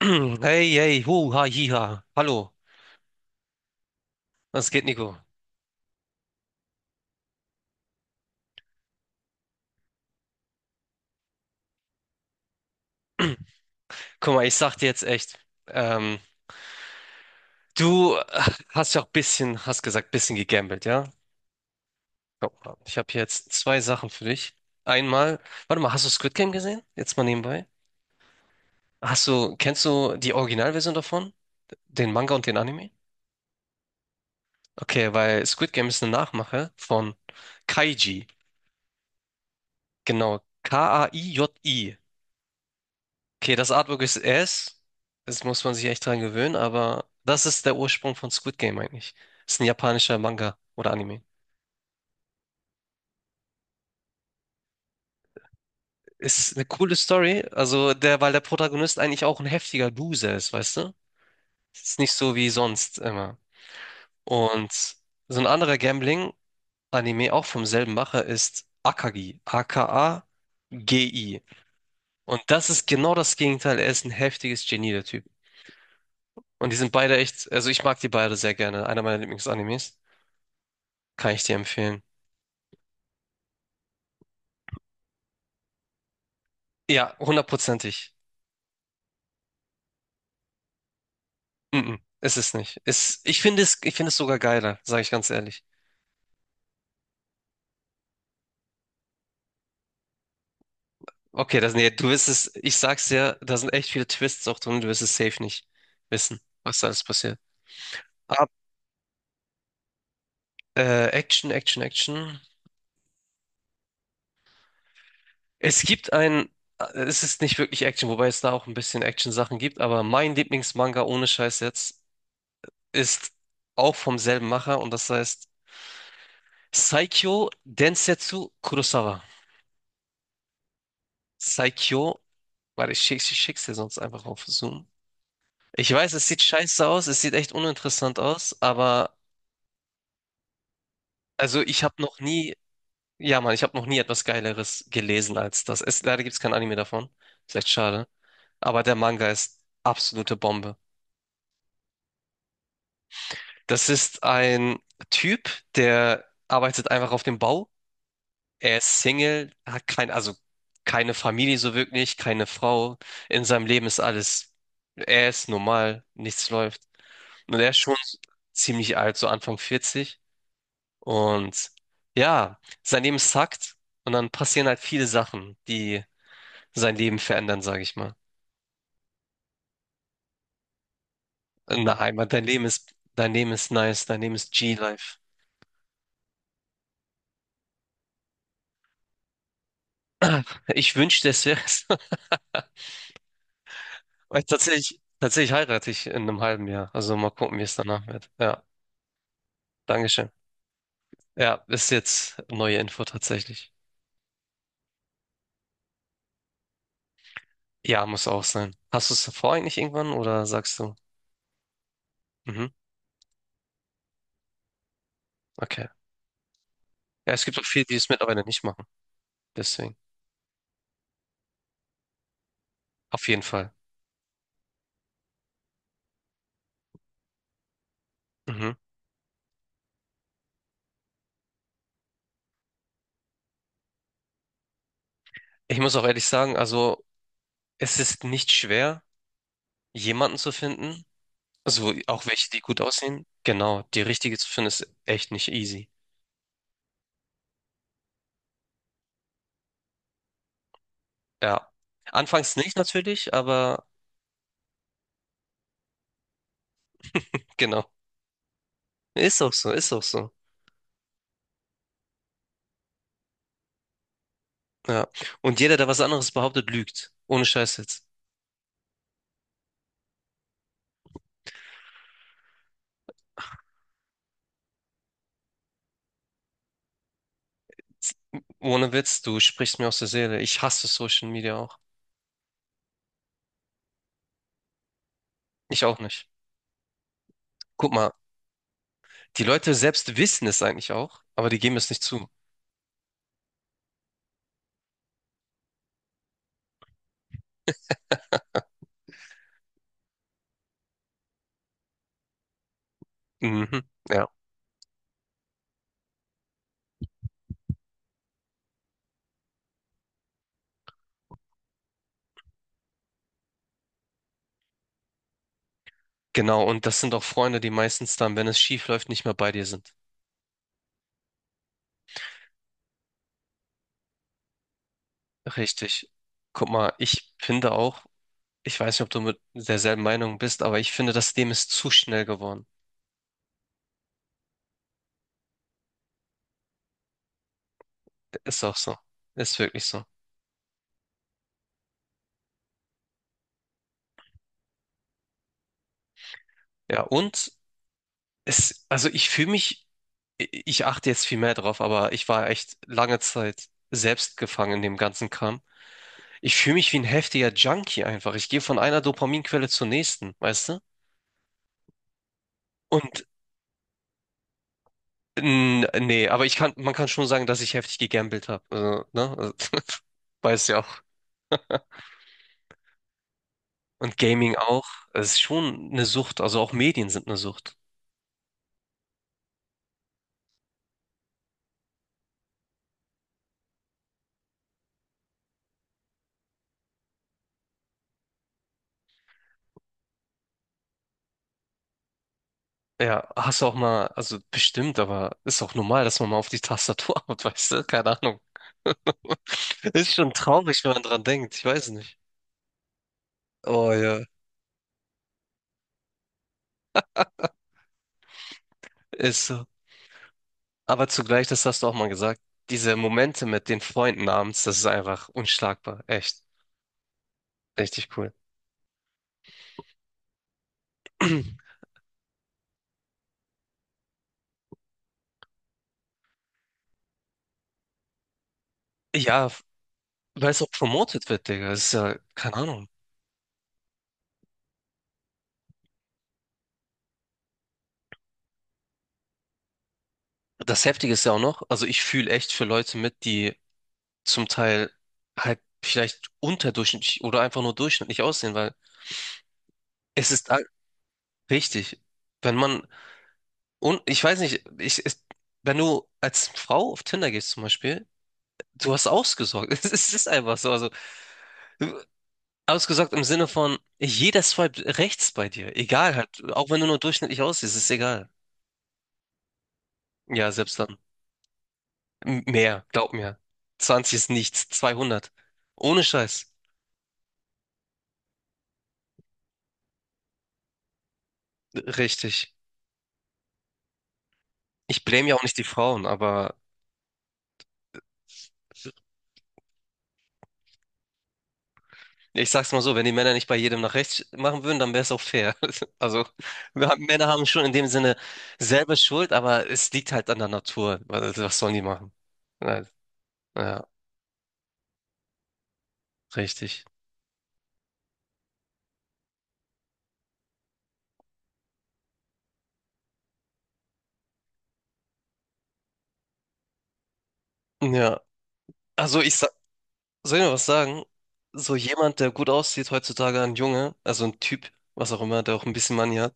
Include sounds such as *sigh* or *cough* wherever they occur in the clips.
*clears throat* Hey, hey, hu, ha, hi, hiha. Hallo, was geht, Nico? *clears throat* Guck mal, ich sag dir jetzt echt, ähm, du hast ja auch bisschen, hast gesagt, bisschen gegambelt, ja? Guck mal, ich habe jetzt zwei Sachen für dich. Einmal, warte mal, hast du Squid Game gesehen? Jetzt mal nebenbei. Hast du, kennst du die Originalversion davon? Den Manga und den Anime? Okay, weil Squid Game ist eine Nachmache von Kaiji. Genau, K-A-I-J-I. Okay, das Artwork ist S. Das muss man sich echt dran gewöhnen, aber das ist der Ursprung von Squid Game eigentlich. Ist ein japanischer Manga oder Anime. Ist eine coole Story, also der, weil der Protagonist eigentlich auch ein heftiger Loser ist, weißt du? Ist nicht so wie sonst immer. Und so ein anderer Gambling-Anime, auch vom selben Macher, ist Akagi. A-K-A-G-I. Und das ist genau das Gegenteil. Er ist ein heftiges Genie, der Typ. Und die sind beide echt, also ich mag die beide sehr gerne. Einer meiner Lieblingsanimes. Kann ich dir empfehlen. Ja, hundertprozentig. Mhm, ist es nicht. Ist, ich finde es sogar geiler, sage ich ganz ehrlich. Okay, das, nee, du wirst es, ich sag's dir, da sind echt viele Twists auch drin, du wirst es safe nicht wissen, was da alles passiert. Ab, Action, Action, Action. Es gibt ein, es ist nicht wirklich Action, wobei es da auch ein bisschen Action-Sachen gibt, aber mein Lieblingsmanga ohne Scheiß jetzt ist auch vom selben Macher und das heißt Saikyo Densetsu Kurosawa. Saikyo. Warte, ich schick's dir sonst einfach auf Zoom. Ich weiß, es sieht scheiße aus, es sieht echt uninteressant aus, aber also ich habe noch nie, ja Mann, ich habe noch nie etwas Geileres gelesen als das. Es, leider gibt's kein Anime davon. Ist echt schade. Aber der Manga ist absolute Bombe. Das ist ein Typ, der arbeitet einfach auf dem Bau. Er ist Single, hat kein, also keine Familie so wirklich, keine Frau. In seinem Leben ist alles, er ist normal, nichts läuft. Und er ist schon ziemlich alt, so Anfang vierzig. Und ja, sein Leben sackt. Und dann passieren halt viele Sachen, die sein Leben verändern, sage ich mal. In der dein Leben ist nice, dein Leben ist G-Life. *clears throat* Ich wünschte, es wäre es. *laughs* Weil tatsächlich heirate ich in einem halben Jahr. Also mal gucken, wie es danach wird. Ja, Dankeschön. Ja, ist jetzt neue Info tatsächlich. Ja, muss auch sein. Hast du es davor eigentlich irgendwann oder sagst du? Mhm, okay. Ja, es gibt auch viele, die es mittlerweile nicht machen. Deswegen, auf jeden Fall. Mhm. Ich muss auch ehrlich sagen, also es ist nicht schwer, jemanden zu finden, also auch welche, die gut aussehen. Genau, die richtige zu finden ist echt nicht easy. Ja, anfangs nicht natürlich, aber genau, ist auch so, ist auch so. Ja, und jeder, der was anderes behauptet, lügt. Ohne Scheiß jetzt. Ohne Witz, du sprichst mir aus der Seele. Ich hasse Social Media auch. Ich auch nicht. Guck mal, die Leute selbst wissen es eigentlich auch, aber die geben es nicht zu. Mhm. Ja. Genau, und das sind auch Freunde, die meistens dann, wenn es schief läuft, nicht mehr bei dir sind. Richtig. Guck mal, ich finde auch, ich weiß nicht, ob du mit derselben Meinung bist, aber ich finde, das Leben ist zu schnell geworden. Ist auch so. Ist wirklich so. Ja, und es, also ich fühle mich, ich achte jetzt viel mehr drauf, aber ich war echt lange Zeit selbst gefangen in dem ganzen Kram. Ich fühle mich wie ein heftiger Junkie einfach. Ich gehe von einer Dopaminquelle zur nächsten, weißt du? Und N nee, aber ich kann, man kann schon sagen, dass ich heftig gegambelt habe. Also, ne? Also, *laughs* weiß ja auch. Und Gaming auch. Es ist schon eine Sucht. Also auch Medien sind eine Sucht. Ja, hast du auch mal, also bestimmt, aber ist auch normal, dass man mal auf die Tastatur *laughs* haut, weißt du? Keine Ahnung. *laughs* Ist schon traurig, wenn man dran denkt. Ich weiß nicht. Oh ja, ist so. Aber zugleich, das hast du auch mal gesagt, diese Momente mit den Freunden abends, das ist einfach unschlagbar. Echt, richtig cool. *clears throat* Ja, weil es auch promotet wird, Digga. Das ist ja, keine Ahnung. Das Heftige ist ja auch noch, also ich fühle echt für Leute mit, die zum Teil halt vielleicht unterdurchschnittlich oder einfach nur durchschnittlich aussehen, weil es ist all- richtig. Wenn man, und ich weiß nicht, wenn du als Frau auf Tinder gehst zum Beispiel, du hast ausgesorgt. *laughs* Es ist einfach so. Also ausgesorgt im Sinne von, jeder swipe rechts bei dir. Egal halt, auch wenn du nur durchschnittlich aussiehst, ist egal. Ja, selbst dann. Mehr, glaub mir. 20 ist nichts, 200. Ohne Scheiß. Richtig. Ich blame ja auch nicht die Frauen, aber ich sag's mal so, wenn die Männer nicht bei jedem nach rechts machen würden, dann wäre es auch fair. *laughs* Also, Männer haben schon in dem Sinne selber Schuld, aber es liegt halt an der Natur. Was sollen die machen? Ja, ja, richtig. Ja, also ich. Soll ich mal was sagen? So jemand, der gut aussieht heutzutage, ein Junge, also ein Typ, was auch immer, der auch ein bisschen Money hat.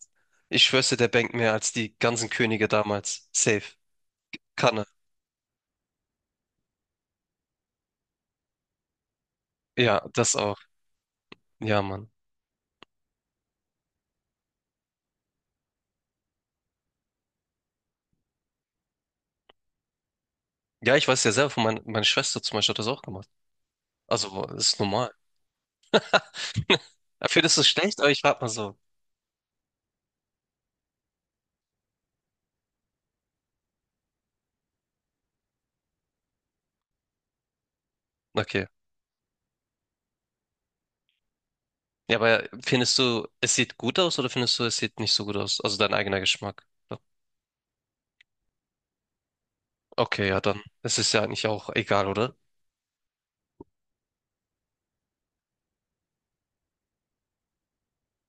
Ich schwör's dir, der bankt mehr als die ganzen Könige damals. Safe. Kann er. Ja, das auch. Ja, Mann. Ja, ich weiß ja selber, meine Schwester zum Beispiel hat das auch gemacht. Also, das ist normal. *laughs* Findest du es schlecht? Aber ich frag mal so. Okay. Ja, aber findest du, es sieht gut aus oder findest du, es sieht nicht so gut aus? Also dein eigener Geschmack. So. Okay, ja, dann. Es ist ja eigentlich auch egal, oder?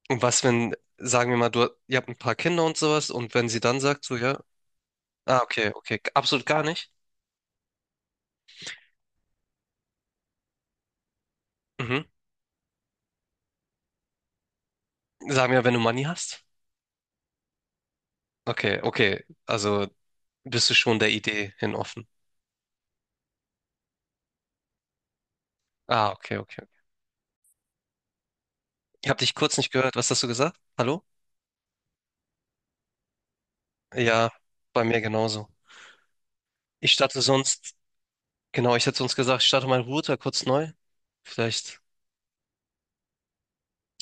Und was, wenn, sagen wir mal, du, ihr habt ein paar Kinder und sowas, und wenn sie dann sagt, so, ja, ah, okay, okay, absolut gar nicht. Mhm. Sagen wir, wenn du Money hast? Okay, okay, also bist du schon der Idee hin offen. Ah, okay, okay. Ich habe dich kurz nicht gehört. Was hast du gesagt? Hallo? Ja, bei mir genauso. Ich starte sonst, genau, ich hätte sonst gesagt, ich starte meinen Router kurz neu. Vielleicht.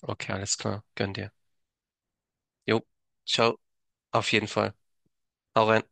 Okay, alles klar. Gönn dir. Jo, ciao. Auf jeden Fall. Hau rein.